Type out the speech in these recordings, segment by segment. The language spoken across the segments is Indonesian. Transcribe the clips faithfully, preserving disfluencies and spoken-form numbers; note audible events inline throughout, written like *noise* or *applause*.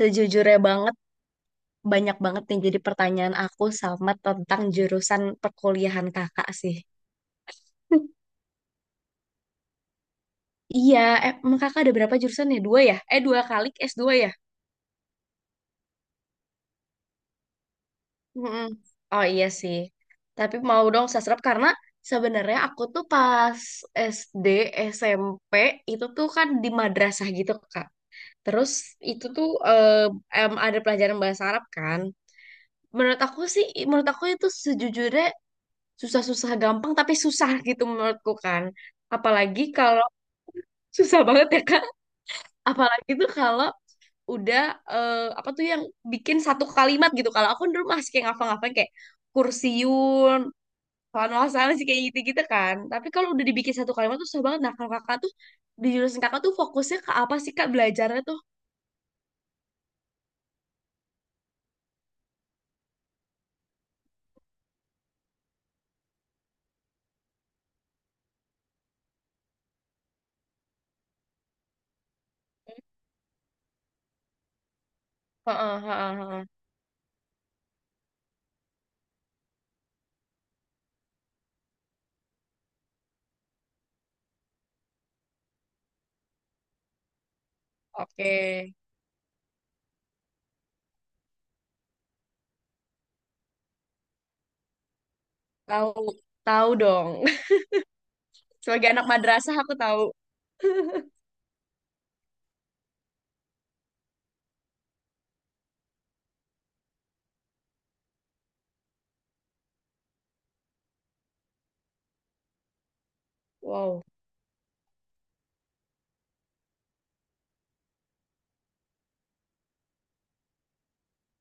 Sejujurnya banget, banyak banget nih jadi pertanyaan aku sama tentang jurusan perkuliahan kakak sih. *laughs* Iya, eh, emang kakak ada berapa jurusan ya? Dua ya? Eh, dua kali s dua ya? Mm-mm. Oh iya sih. Tapi mau dong sastrap karena sebenarnya aku tuh pas S D, S M P itu tuh kan di madrasah gitu, Kak. Terus itu tuh eh, em, ada pelajaran bahasa Arab kan. Menurut aku sih, menurut aku itu sejujurnya susah-susah gampang tapi susah gitu menurutku kan apalagi kalau *laughs* susah banget ya Kak apalagi tuh kalau udah eh, apa tuh yang bikin satu kalimat gitu kalau aku dulu masih kayak ngafal-ngafalin kayak kursiun sana sih kayak gitu-gitu kan tapi kalau udah dibikin satu kalimat tuh susah banget. Nah kalau kakak tuh di jurusan kakak tuh fokusnya ke apa sih kak belajarnya tuh? Heeh, heeh, heeh. Oke. Tahu, tahu dong *laughs* Sebagai anak madrasah aku tahu. Wow.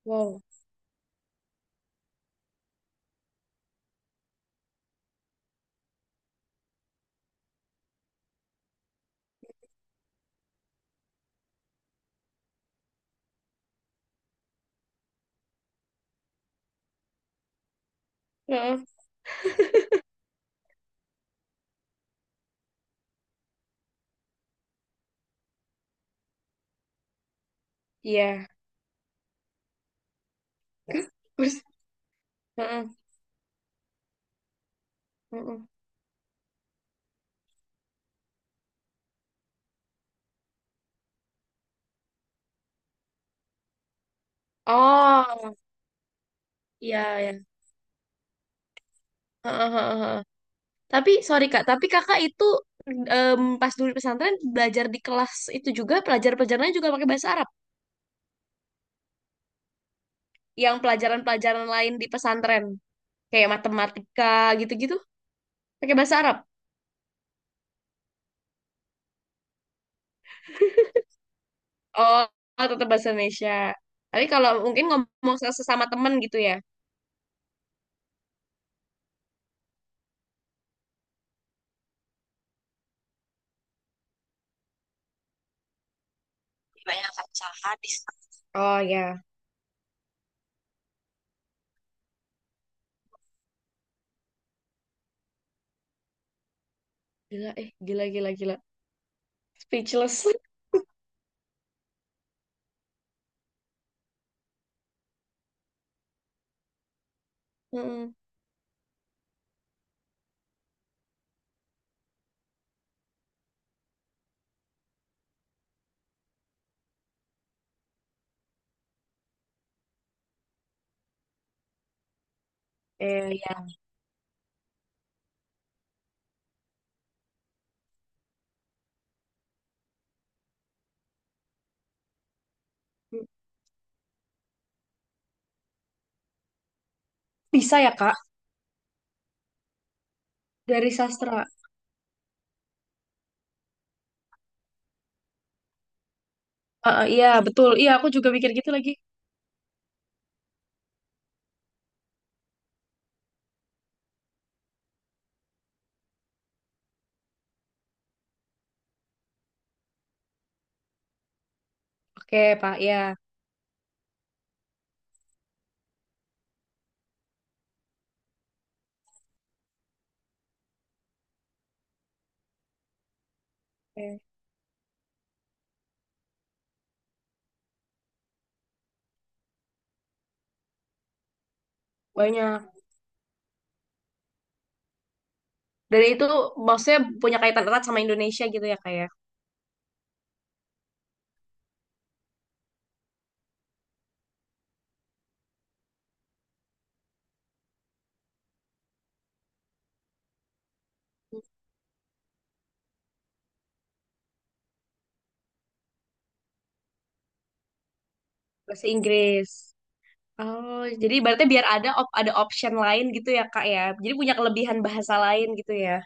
Wow. Heeh. Iya. *laughs* Heeh, heeh. Oh, iya ya. Heeh, heeh, heeh. Tapi sorry Kak, tapi Kakak itu em, pas dulu di pesantren belajar di kelas itu juga pelajaran-pelajarannya juga pakai bahasa Arab. Yang pelajaran-pelajaran lain di pesantren kayak matematika gitu-gitu pakai bahasa Arab. Oh, oh, tetap bahasa Indonesia. Tapi kalau mungkin ngomong se- sesama temen gitu ya. Banyak pecahan di sana. Oh ya, gila eh gila gila gila. Speechless. *laughs* Heeh. Eh, ya. Bisa ya Kak dari sastra? Eh, eh, iya betul. Iya aku juga mikir gitu lagi. Oke Pak, ya. Banyak. Dan itu maksudnya punya kaitan erat sama Indonesia gitu ya kak ya. Bahasa Inggris. Oh, jadi berarti biar ada op- ada option lain gitu ya kak ya. Jadi punya kelebihan bahasa lain gitu ya.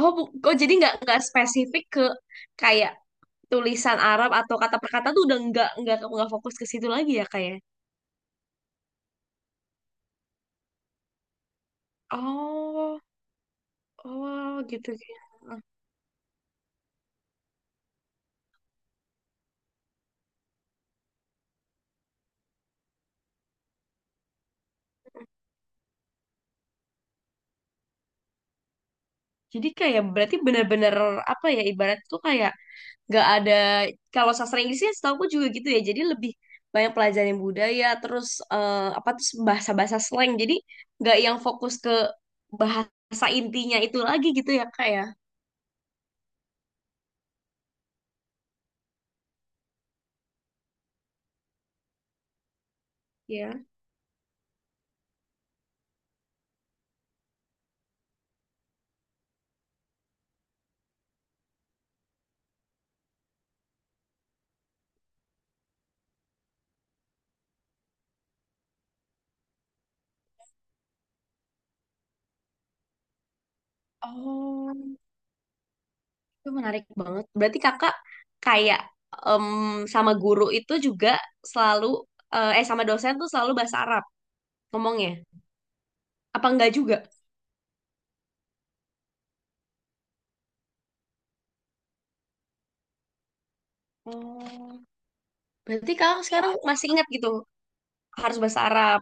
Oh, bu- oh jadi nggak nggak spesifik ke kayak tulisan Arab atau kata per kata tuh udah nggak nggak nggak fokus ke situ lagi ya kayak. Oh, oh gitu. Jadi kayak berarti benar-benar apa ya ibarat tuh kayak nggak ada kalau sastra Inggrisnya setahu aku juga gitu ya jadi lebih banyak pelajaran budaya terus eh, apa terus bahasa-bahasa slang jadi nggak yang fokus ke bahasa intinya itu lagi gitu ya kak ya. Ya. Oh, itu menarik banget berarti kakak kayak em, sama guru itu juga selalu eh eh, sama dosen tuh selalu bahasa Arab ngomongnya apa enggak juga. Oh. Berarti kakak sekarang masih ingat gitu harus bahasa Arab.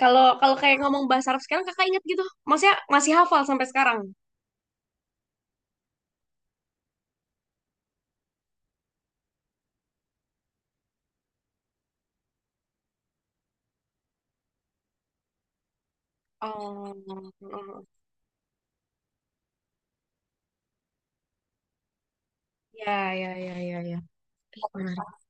Kalau kalau kayak ngomong bahasa Arab sekarang kakak inget gitu. Maksudnya masih hafal sampai sekarang. Oh, ya ya ya ya ya. Menarik.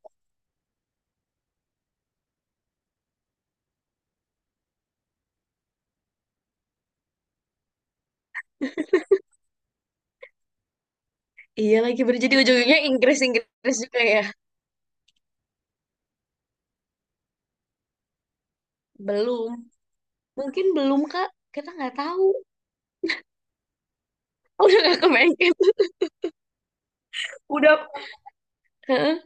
Iya lagi berjadi ujung-ujungnya Inggris Inggris juga ya. Belum, mungkin belum Kak. Kita nggak tahu. *laughs* Udah nggak kebayang. Udah. Heeh.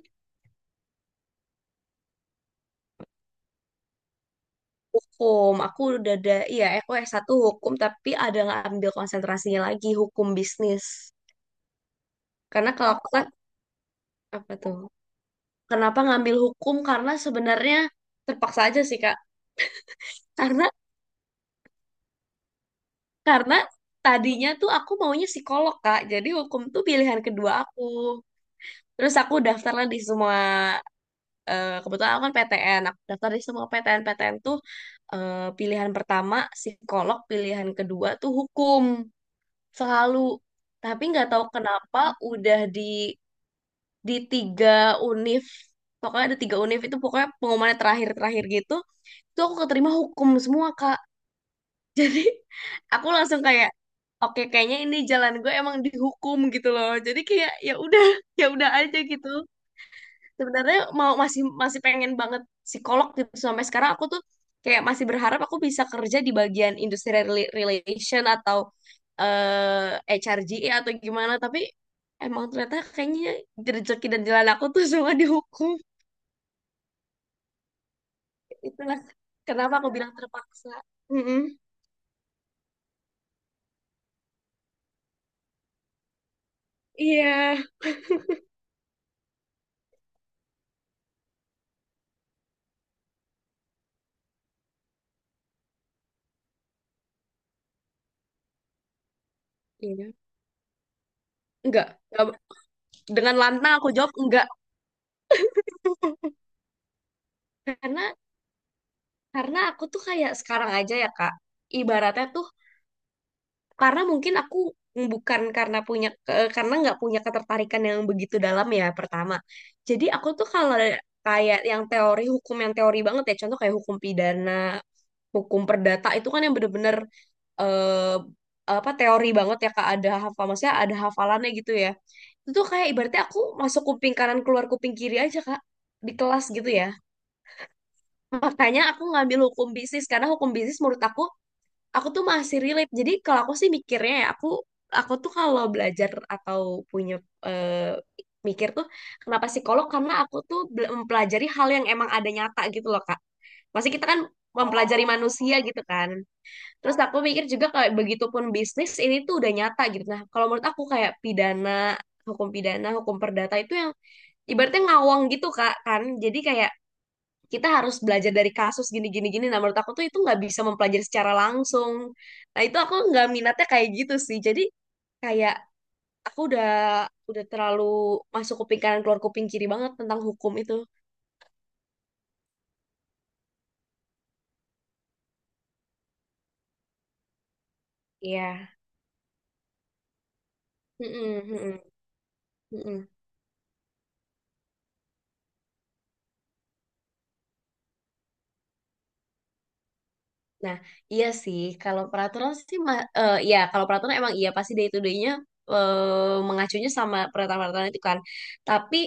Hukum, aku udah ada, iya aku s satu hukum, tapi ada ngambil konsentrasinya lagi, hukum bisnis. Karena kalau aku kan, apa tuh? Kenapa ngambil hukum? Karena sebenarnya terpaksa aja sih, Kak. Karena Karena Tadinya tuh aku maunya psikolog, Kak. Jadi hukum tuh pilihan kedua aku. Terus aku daftarlah di semua, eh, kebetulan aku kan P T N. Aku daftar di semua P T N-P T N tuh eh, pilihan pertama psikolog, pilihan kedua tuh hukum. Selalu. Tapi nggak tahu kenapa udah di di tiga univ. Pokoknya ada tiga univ itu pokoknya pengumumannya terakhir-terakhir gitu. Itu aku keterima hukum semua, Kak. *laughs* Jadi aku langsung kayak oke kayaknya ini jalan gue emang dihukum gitu loh. Jadi kayak ya udah *laughs* ya udah aja gitu. Sebenarnya mau masih masih pengen banget psikolog gitu sampai sekarang aku tuh kayak masih berharap aku bisa kerja di bagian industrial rela- relation atau eh H R G E atau gimana tapi emang ternyata kayaknya rezeki dan jalan aku tuh *laughs* semua dihukum. Itulah kenapa aku bilang terpaksa. Mm-mm. Iya. Iya. Enggak. Dengan lantang aku jawab enggak. Karena karena aku tuh kayak sekarang aja ya Kak ibaratnya tuh karena mungkin aku bukan karena punya ke- karena nggak punya ketertarikan yang begitu dalam ya pertama jadi aku tuh kalau kayak yang teori hukum yang teori banget ya contoh kayak hukum pidana hukum perdata itu kan yang bener-bener eh, apa teori banget ya Kak ada hafal maksudnya ada hafalannya gitu ya itu tuh kayak ibaratnya aku masuk kuping kanan keluar kuping kiri aja Kak di kelas gitu ya. Makanya aku ngambil hukum bisnis karena hukum bisnis menurut aku aku tuh masih relate. Jadi kalau aku sih mikirnya ya aku aku tuh kalau belajar atau punya eh, mikir tuh kenapa psikolog karena aku tuh bel- mempelajari hal yang emang ada nyata gitu loh Kak. Masih kita kan mempelajari manusia gitu kan. Terus aku mikir juga kayak begitupun bisnis ini tuh udah nyata gitu. Nah, kalau menurut aku kayak pidana, hukum pidana, hukum perdata itu yang ibaratnya ngawang gitu Kak kan. Jadi kayak kita harus belajar dari kasus gini gini gini nah menurut aku tuh itu nggak bisa mempelajari secara langsung nah itu aku nggak minatnya kayak gitu sih jadi kayak aku udah udah terlalu masuk kuping kanan keluar kuping kiri banget tentang hukum itu. Iya. Mm-mm, mm-mm, mm-mm. Nah, iya sih. Kalau peraturan sih, ma- eh, ya kalau peraturan emang iya pasti day to day-nya eh, mengacunya sama peraturan-peraturan itu kan. Tapi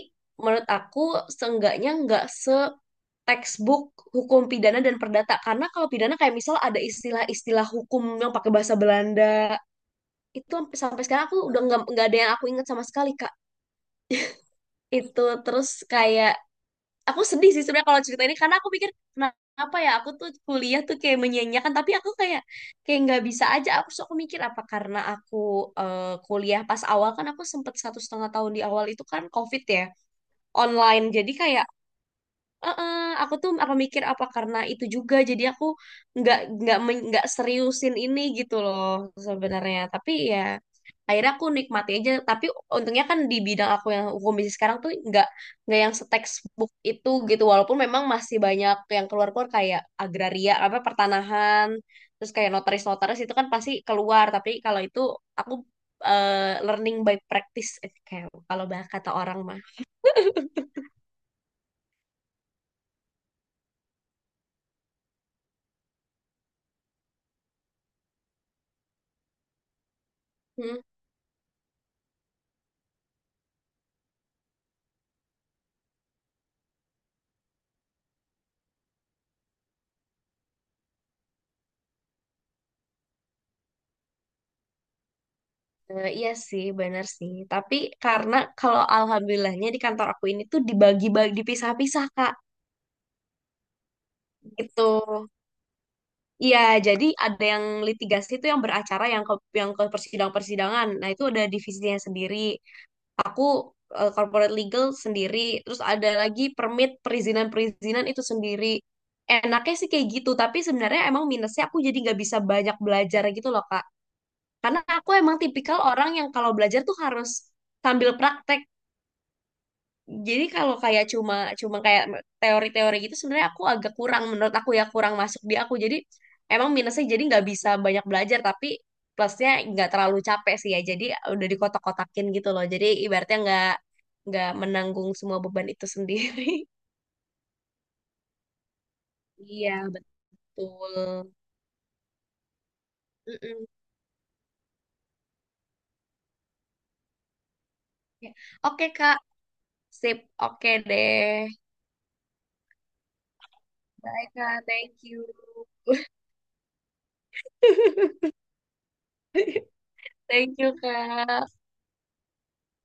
menurut aku seenggaknya nggak se textbook hukum pidana dan perdata karena kalau pidana kayak misal ada istilah-istilah hukum yang pakai bahasa Belanda itu sampai sekarang aku udah nggak nggak ada yang aku ingat sama sekali Kak itu terus kayak aku sedih sih sebenarnya kalau cerita ini karena aku pikir kenapa ya aku tuh kuliah tuh kayak menyanyiakan tapi aku kayak kayak nggak bisa aja aku sok mikir apa karena aku eh, kuliah pas awal kan aku sempet satu setengah tahun di awal itu kan COVID ya online jadi kayak. Heeh, aku tuh apa mikir apa karena itu juga jadi aku nggak nggak men- nggak seriusin ini gitu loh sebenarnya tapi ya akhirnya aku nikmati aja tapi untungnya kan di bidang aku yang hukum bisnis sekarang tuh nggak nggak yang se-textbook itu gitu walaupun memang masih banyak yang keluar-keluar kayak agraria apa pertanahan terus kayak notaris-notaris itu kan pasti keluar tapi kalau itu aku eh, learning by practice eh, kayak kalau bah- kata orang mah. Hmm. Eh, iya sih, benar sih. Tapi karena kalau alhamdulillahnya di kantor aku ini tuh dibagi-bagi, dipisah-pisah, Kak, gitu. Iya, jadi ada yang litigasi itu yang beracara, yang ke yang ke persidang-persidangan. Nah, itu ada divisinya sendiri. Aku eh, corporate legal sendiri, terus ada lagi permit, perizinan-perizinan itu sendiri. Enaknya sih kayak gitu, tapi sebenarnya emang minusnya aku jadi nggak bisa banyak belajar gitu loh, Kak. Karena aku emang tipikal orang yang kalau belajar tuh harus sambil praktek. Jadi kalau kayak cuma cuma kayak teori-teori gitu sebenarnya aku agak kurang menurut aku ya kurang masuk di aku. Jadi emang minusnya jadi nggak bisa banyak belajar tapi plusnya nggak terlalu capek sih ya. Jadi udah dikotak-kotakin gitu loh. Jadi ibaratnya nggak nggak menanggung semua beban itu sendiri. *laughs* Iya betul. Mm-mm. Ya. Oke Kak, sip. Oke deh. Bye Kak, thank you. *laughs* Thank you Kak.